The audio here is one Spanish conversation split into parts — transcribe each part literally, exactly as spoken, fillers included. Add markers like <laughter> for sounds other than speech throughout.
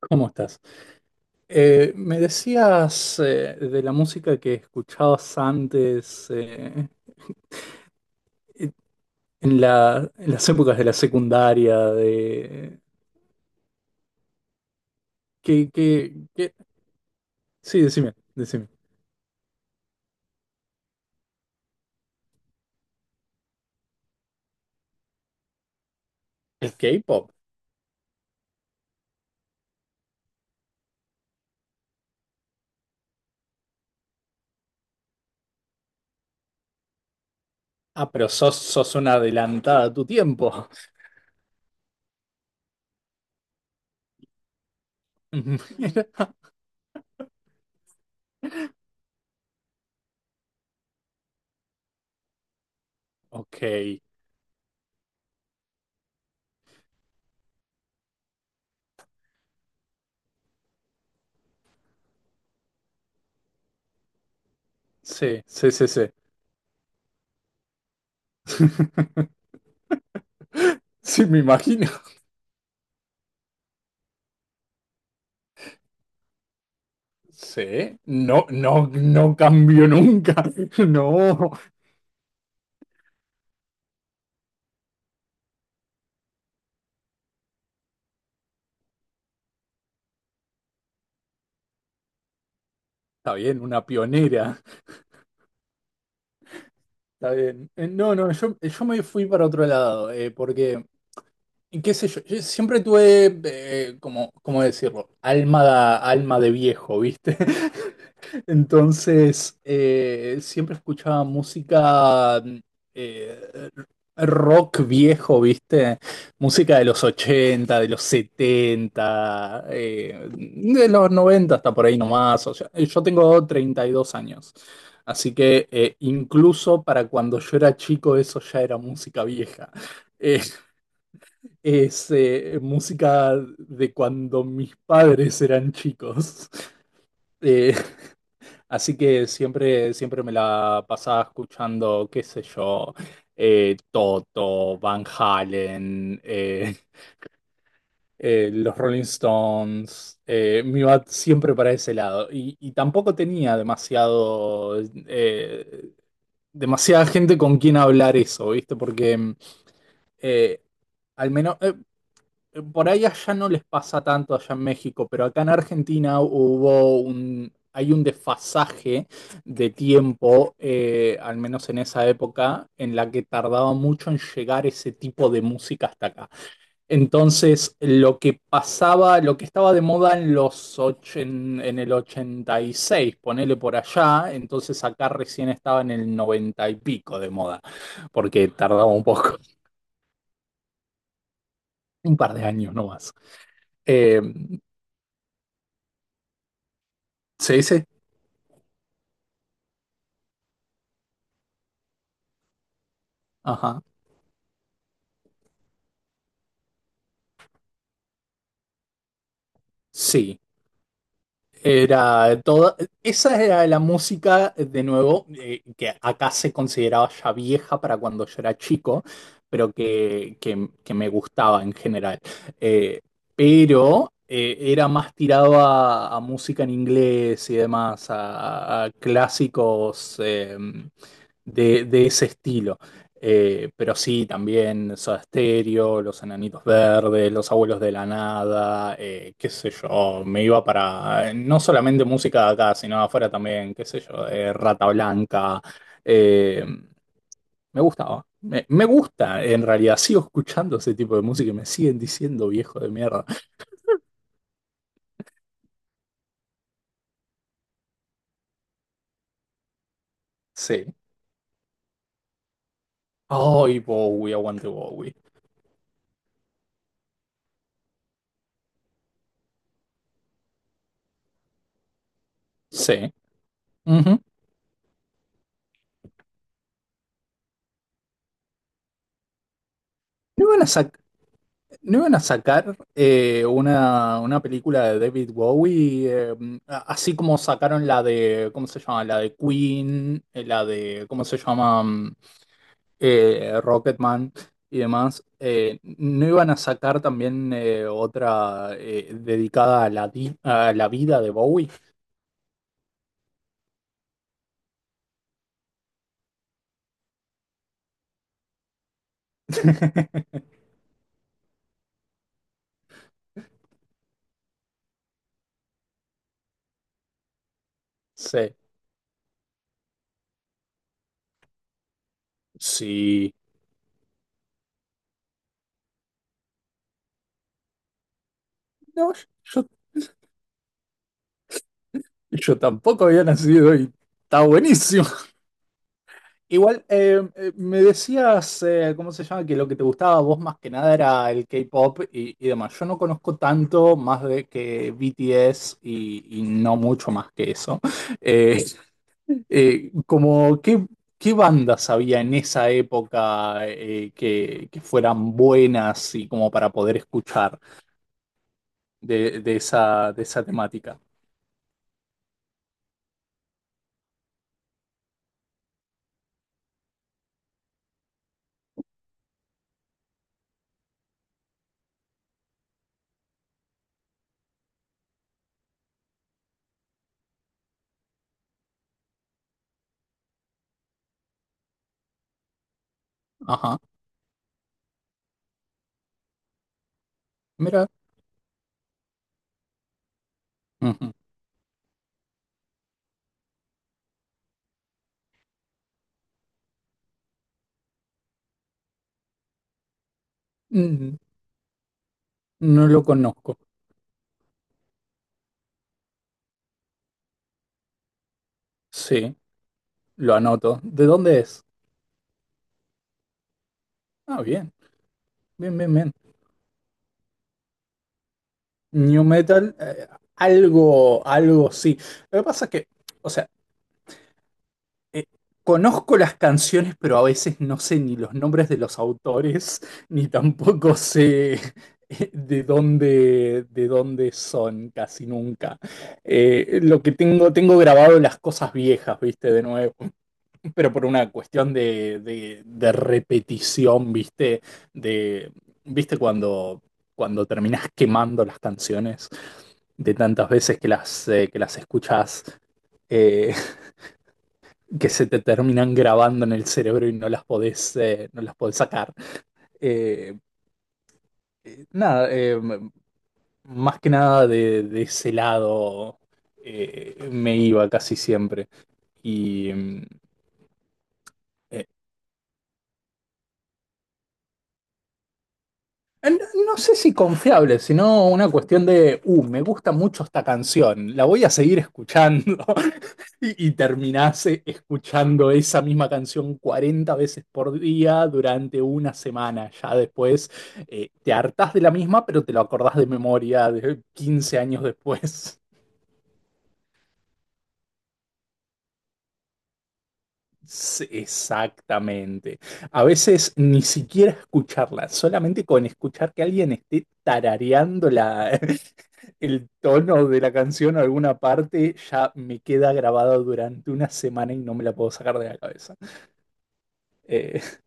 ¿Cómo estás? Eh, me decías eh, de la música que escuchabas antes, eh, eh, en la- en las épocas de la secundaria, de... ¿Qué, qué, ¿qué? Sí, decime, decime. ¿El K-pop? Ah, pero sos, sos una adelantada a tu tiempo. <laughs> Mira. Ok, sí, sí, sí, sí. <laughs> Sí, me imagino. Sí, no, no, no cambió nunca. <laughs> No. Está bien, una pionera. Está bien. Eh, no, no, yo, eh, yo me fui para otro lado, eh, porque, y qué sé yo, yo siempre tuve, eh, como, ¿cómo decirlo? Alma, da- alma de viejo, ¿viste? Entonces, eh, siempre escuchaba música mm, eh, rock viejo, ¿viste? Música de los ochenta, de los setenta, eh, de los noventa hasta por ahí nomás. O sea, eh, yo tengo treinta y dos años, así que eh, incluso para cuando yo era chico eso ya era música vieja. <laughs> Eh, es eh, música de cuando mis padres eran chicos. <laughs> Eh, Así que siempre, siempre me la pasaba escuchando, qué sé yo, eh, Toto, Van Halen, eh, <laughs> eh, los Rolling Stones. Eh, me iba siempre para ese lado. Y, y tampoco tenía demasiado, eh, demasiada gente con quien hablar eso, ¿viste? Porque eh, al menos. Eh, eh, por ahí allá no les pasa tanto allá en México, pero acá en Argentina hubo un, hay un desfasaje de tiempo, eh, al menos en esa época, en la que tardaba mucho en llegar ese tipo de música hasta acá. Entonces, lo que pasaba, lo que estaba de moda en los och en en el ochenta y seis ponele por allá, entonces acá recién estaba en el noventa y pico de moda, porque tardaba un poco, <laughs> un par de años nomás. Eh, Sí, sí, ajá, sí, era toda, esa era la música, de nuevo, eh, que acá se consideraba ya vieja para cuando yo era chico, pero que, que- que me gustaba en general. Eh, pero eh, era más tirado a, a música en inglés y demás, a, a- a clásicos eh, de, de ese estilo. Eh, pero sí, también Soda Stereo, Los Enanitos Verdes, Los Abuelos de la Nada, eh, qué sé yo, me iba para eh, no solamente música de acá, sino afuera también, qué sé yo, eh, Rata Blanca. eh, Me gustaba, me, me gusta, en realidad, sigo escuchando ese tipo de música y me siguen diciendo viejo de mierda. Sí. Ay, Bowie, aguante Bowie. Sí. Ujú. No iban a sacar. ¿No iban a sacar eh, una, una película de David Bowie? Eh, a- así como sacaron la de, ¿cómo se llama? La de Queen, eh, la de, ¿cómo se llama? Mm, eh, Rocketman y demás. Eh, ¿no iban a sacar también eh, otra eh, dedicada a la, di- a la vida de Bowie? <laughs> Sí, sí. No, yo, yo tampoco había nacido y está buenísimo. Igual, eh, eh, me decías, eh, ¿cómo se llama? Que lo que te gustaba a vos más que nada era el K-pop y, y demás. Yo no conozco tanto más de que B T S y, y no mucho más que eso. <laughs> Eh, eh, Como, ¿qué, ¿qué bandas había en esa época eh, que, que fueran buenas y como para poder escuchar de, de esa, de esa temática? Ajá, mira. Ujú. Mm, no lo conozco. Sí, lo anoto. ¿De dónde es? Ah, bien, bien, bien, bien. New Metal, eh, algo, algo sí. Lo que pasa es que, o sea, eh, conozco las canciones, pero a veces no sé ni los nombres de los autores, <laughs> ni tampoco sé eh, de dónde, de dónde son, casi nunca. Eh, lo que tengo, tengo grabado las cosas viejas, viste, de nuevo. Pero por una cuestión de, de, de repetición, ¿viste? De, ¿viste cuando, cuando terminás quemando las canciones de tantas veces que las, eh, que las escuchás, eh, <laughs> que se te terminan grabando en el cerebro y no las podés, eh, no las podés sacar? Eh, eh, Nada, eh, más que nada de, de ese lado eh, me iba casi siempre. Y mm, eh, no, no sé si confiable, sino una cuestión de, uh, me gusta mucho esta canción, la voy a seguir escuchando. <laughs> Y, y terminás eh, escuchando esa misma canción cuarenta veces por día durante una semana. Ya después eh, te hartás de la misma, pero te lo acordás de memoria de quince años después. Sí, exactamente. A veces ni siquiera escucharla, solamente con escuchar que alguien esté tarareando la, <laughs> el tono de la canción o alguna parte, ya me queda grabado durante una semana y no me la puedo sacar de la cabeza. Eh,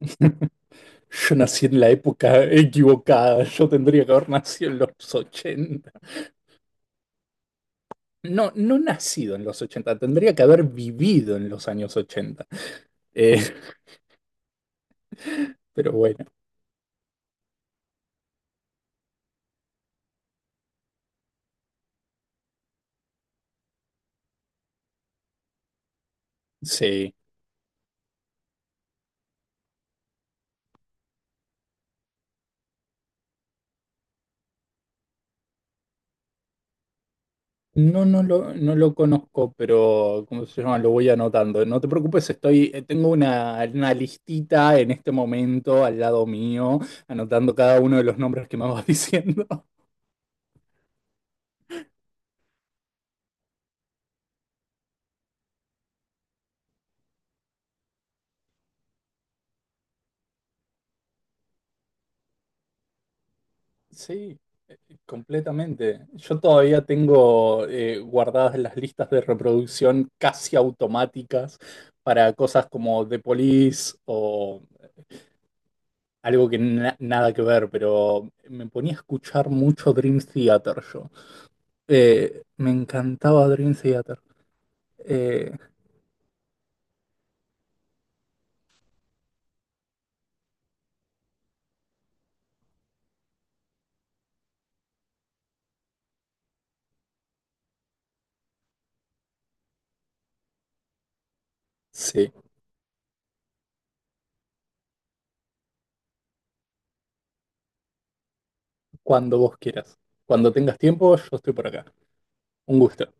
<laughs> yo nací en la época equivocada, yo tendría que haber nacido en los ochenta. No, no nacido en los ochenta, tendría que haber vivido en los años ochenta. Eh, pero bueno, sí. No, no lo, no lo conozco, pero ¿cómo se llama? Lo voy anotando. No te preocupes, estoy, eh, tengo una, una listita en este momento al lado mío, anotando cada uno de los nombres que me vas <laughs> diciendo. Sí, eh, completamente. Yo todavía tengo eh, guardadas las listas de reproducción casi automáticas para cosas como The Police o algo que na- nada que ver, pero me ponía a escuchar mucho Dream Theater yo. Eh, me encantaba Dream Theater. Eh, sí, cuando vos quieras. Cuando tengas tiempo, yo estoy por acá. Un gusto.